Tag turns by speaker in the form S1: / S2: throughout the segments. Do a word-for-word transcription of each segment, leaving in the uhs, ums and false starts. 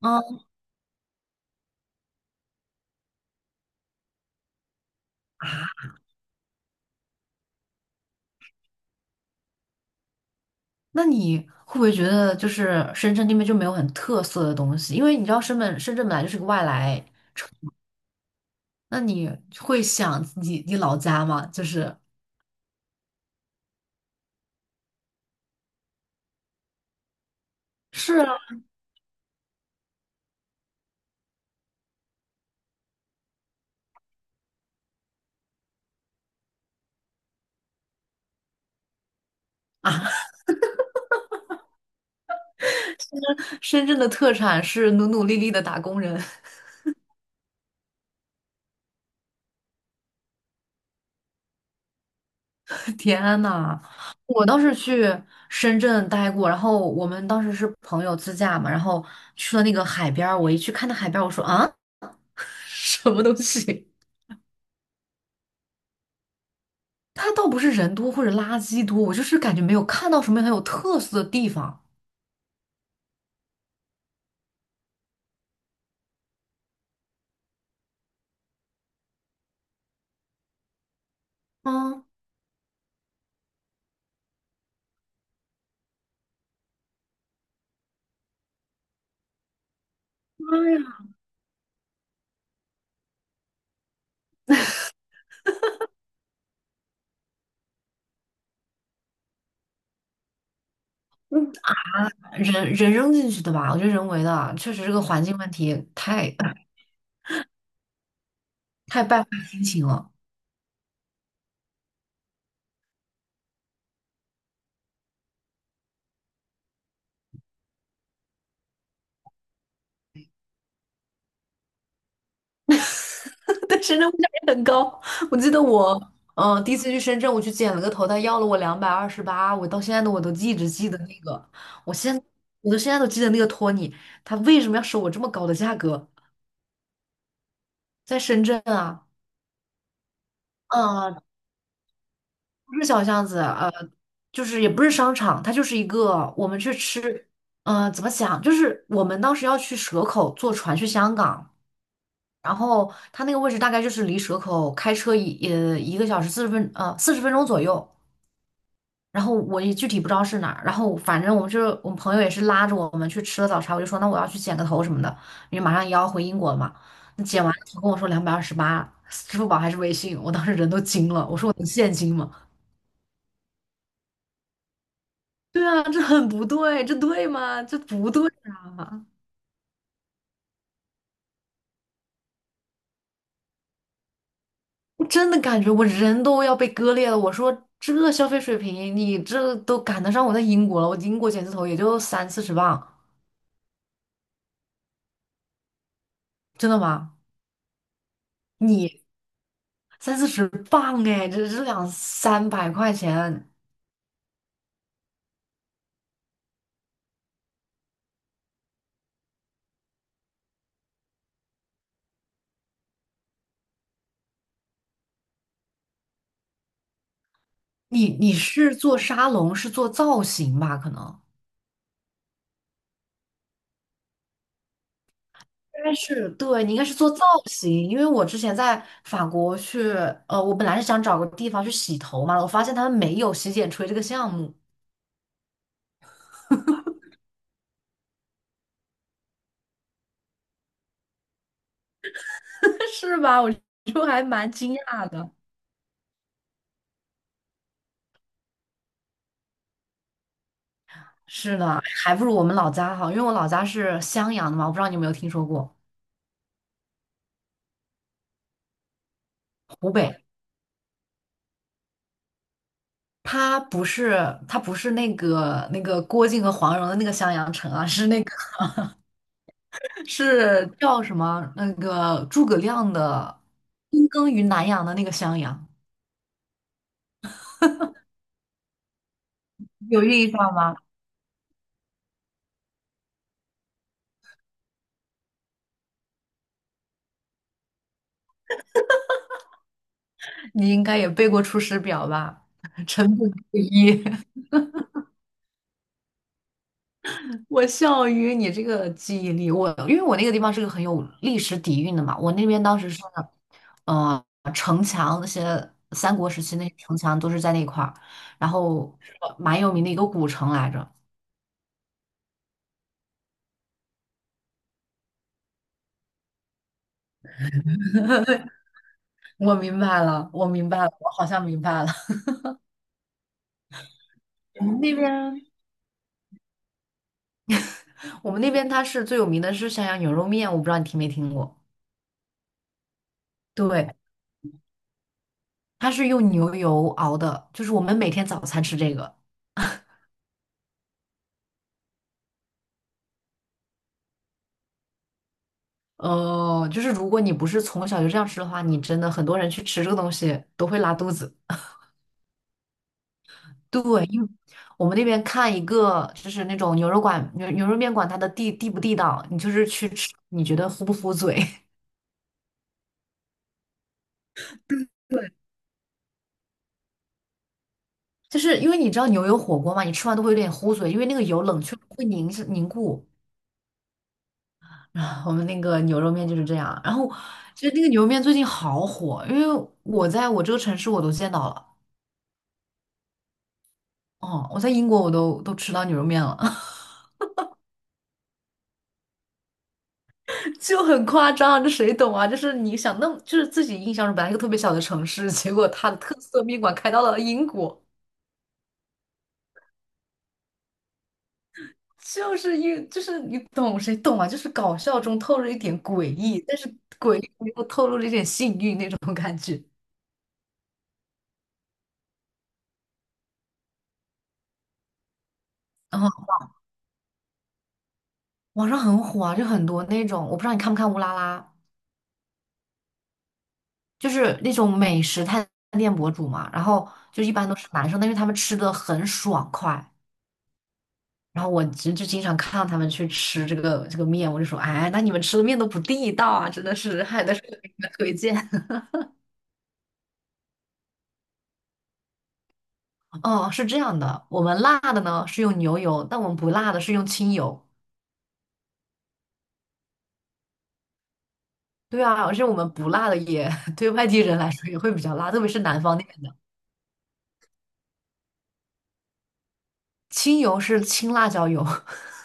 S1: 嗯，那你会不会觉得就是深圳那边就没有很特色的东西？因为你知道深本深圳本来就是个外来，那你会想你你老家吗？就是是啊，深圳的特产是努努力力的打工人。天呐，我当时去深圳待过，然后我们当时是朋友自驾嘛，然后去了那个海边儿，我一去看那海边儿，我说啊，什么东西？它倒不是人多或者垃圾多，我就是感觉没有看到什么很有特色的地方。嗯，妈呀！人人扔进去的吧？我觉得人为的啊，确实这个环境问题太 太败坏心情了。但深圳物价也很高。我记得我，嗯、第一次去深圳，我去剪了个头，他要了我两百二十八，我到现在都我都一直记得那个，我现我都现在都记得那个托尼，他为什么要收我这么高的价格？在深圳啊，嗯。不是小巷子，呃，就是也不是商场，它就是一个我们去吃，呃，怎么讲？就是我们当时要去蛇口坐船去香港，然后它那个位置大概就是离蛇口开车一呃一个小时四十分呃四十分钟左右，然后我也具体不知道是哪儿，然后反正我们就是我们朋友也是拉着我们去吃了早茶，我就说那我要去剪个头什么的，因为马上也要回英国了嘛。那剪完了头跟我说两百二十八，支付宝还是微信，我当时人都惊了，我说我能现金吗？对啊，这很不对，这对吗？这不对啊！我真的感觉我人都要被割裂了。我说这消费水平，你这都赶得上我在英国了。我英国剪字头也就三四十磅，真的吗？你三四十磅哎，这这两三百块钱，你你是做沙龙，是做造型吧？可能。应该是对，你应该是做造型，因为我之前在法国去，呃，我本来是想找个地方去洗头嘛，我发现他们没有洗剪吹这个项目，是吧？我就还蛮惊讶的。是的，还不如我们老家好，因为我老家是襄阳的嘛，我不知道你有没有听说过湖北。它不是，它不是那个那个郭靖和黄蓉的那个襄阳城啊，是那个 是叫什么？那个诸葛亮的躬耕于南阳的那个襄阳，有印象吗？你应该也背过《出师表》吧？臣本不一。我笑于你这个记忆力，我因为我那个地方是个很有历史底蕴的嘛，我那边当时是，呃，城墙那些三国时期那些城墙都是在那块儿，然后是蛮有名的一个古城来着。我明白了，我明白了，我好像明白了。我们那边，我们那边它是最有名的是襄阳牛肉面，我不知道你听没听过。对，它是用牛油熬的，就是我们每天早餐吃这个。哦，就是如果你不是从小就这样吃的话，你真的很多人去吃这个东西都会拉肚子。对，因为我们那边看一个就是那种牛肉馆、牛牛肉面馆，它的地地不地道，你就是去吃，你觉得糊不糊嘴？对，就是因为你知道牛油火锅嘛，你吃完都会有点糊嘴，因为那个油冷却了会凝凝固。啊，我们那个牛肉面就是这样。然后其实那个牛肉面最近好火，因为我在我这个城市我都见到了，哦，我在英国我都都吃到牛肉面了。就很夸张啊，这谁懂啊？就是你想那么，就是自己印象中本来一个特别小的城市，结果它的特色面馆开到了英国，就是英，就是你懂谁懂啊？就是搞笑中透露一点诡异，但是诡异又透露了一点幸运那种感觉。然后网上很火啊，就很多那种，我不知道你看不看乌拉拉，就是那种美食探店博主嘛。然后就一般都是男生，但是他们吃的很爽快。然后我侄就经常看到他们去吃这个这个面，我就说，哎，那你们吃的面都不地道啊，真的是，还得是给你们推荐。哦，是这样的，我们辣的呢是用牛油，但我们不辣的是用清油。对啊，而且我们不辣的也 对外地人来说也会比较辣，特别是南方那边的。清油是青辣椒油，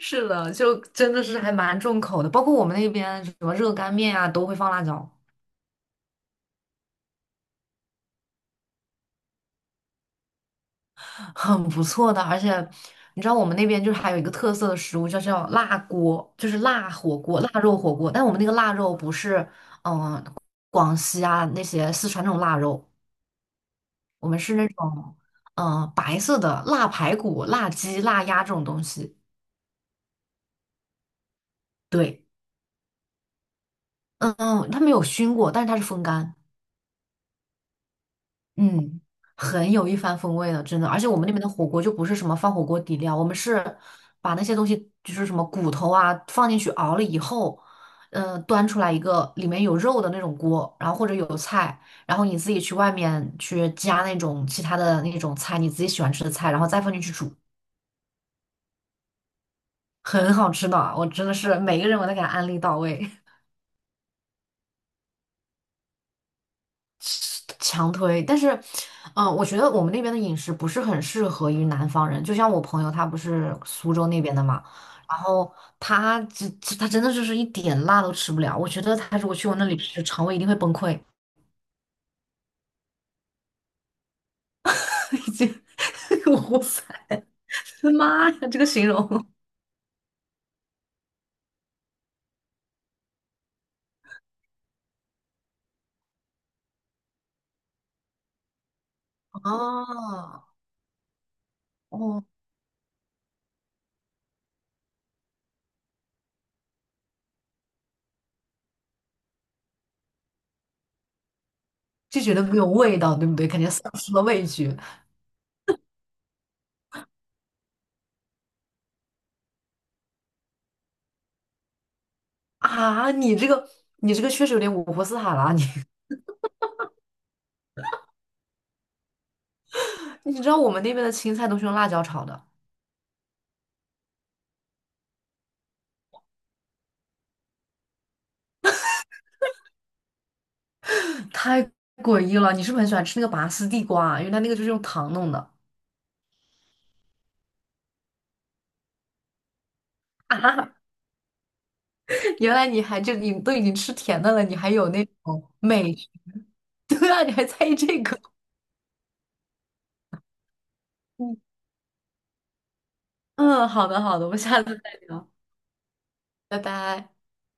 S1: 是的，就真的是还蛮重口的。包括我们那边什么热干面啊，都会放辣椒。很不错的，而且你知道我们那边就是还有一个特色的食物，叫叫辣锅，就是辣火锅、腊肉火锅。但我们那个腊肉不是广西啊那些四川那种腊肉，我们是那种嗯、呃白色的腊排骨、腊鸡、腊鸭这种东西。对，嗯嗯，它没有熏过，但是它是风干。嗯，很有一番风味的，真的。而且我们那边的火锅就不是什么放火锅底料，我们是把那些东西，就是什么骨头啊，放进去熬了以后，嗯、端出来一个里面有肉的那种锅，然后或者有菜，然后你自己去外面去加那种其他的那种菜，你自己喜欢吃的菜，然后再放进去煮，很好吃的。我真的是每个人我都给他安利到位。强推，但是，嗯、我觉得我们那边的饮食不是很适合于南方人。就像我朋友，他不是苏州那边的嘛，然后他这这他真的就是一点辣都吃不了。我觉得他如果去我那里吃，肠胃一定会崩溃。已经，哇塞，我的妈呀，这个形容啊，哦，就觉得没有味道，对不对？感觉丧失了味觉啊！你这个，你这个确实有点五湖四海了啊，你 你知道我们那边的青菜都是用辣椒炒的。太诡异了！你是不是很喜欢吃那个拔丝地瓜啊？为来那个就是用糖弄的啊！原来你还就你都已经吃甜的了，你还有那种美食 对啊，你还在意这个？嗯嗯，好的好的，我们下次再聊，拜拜。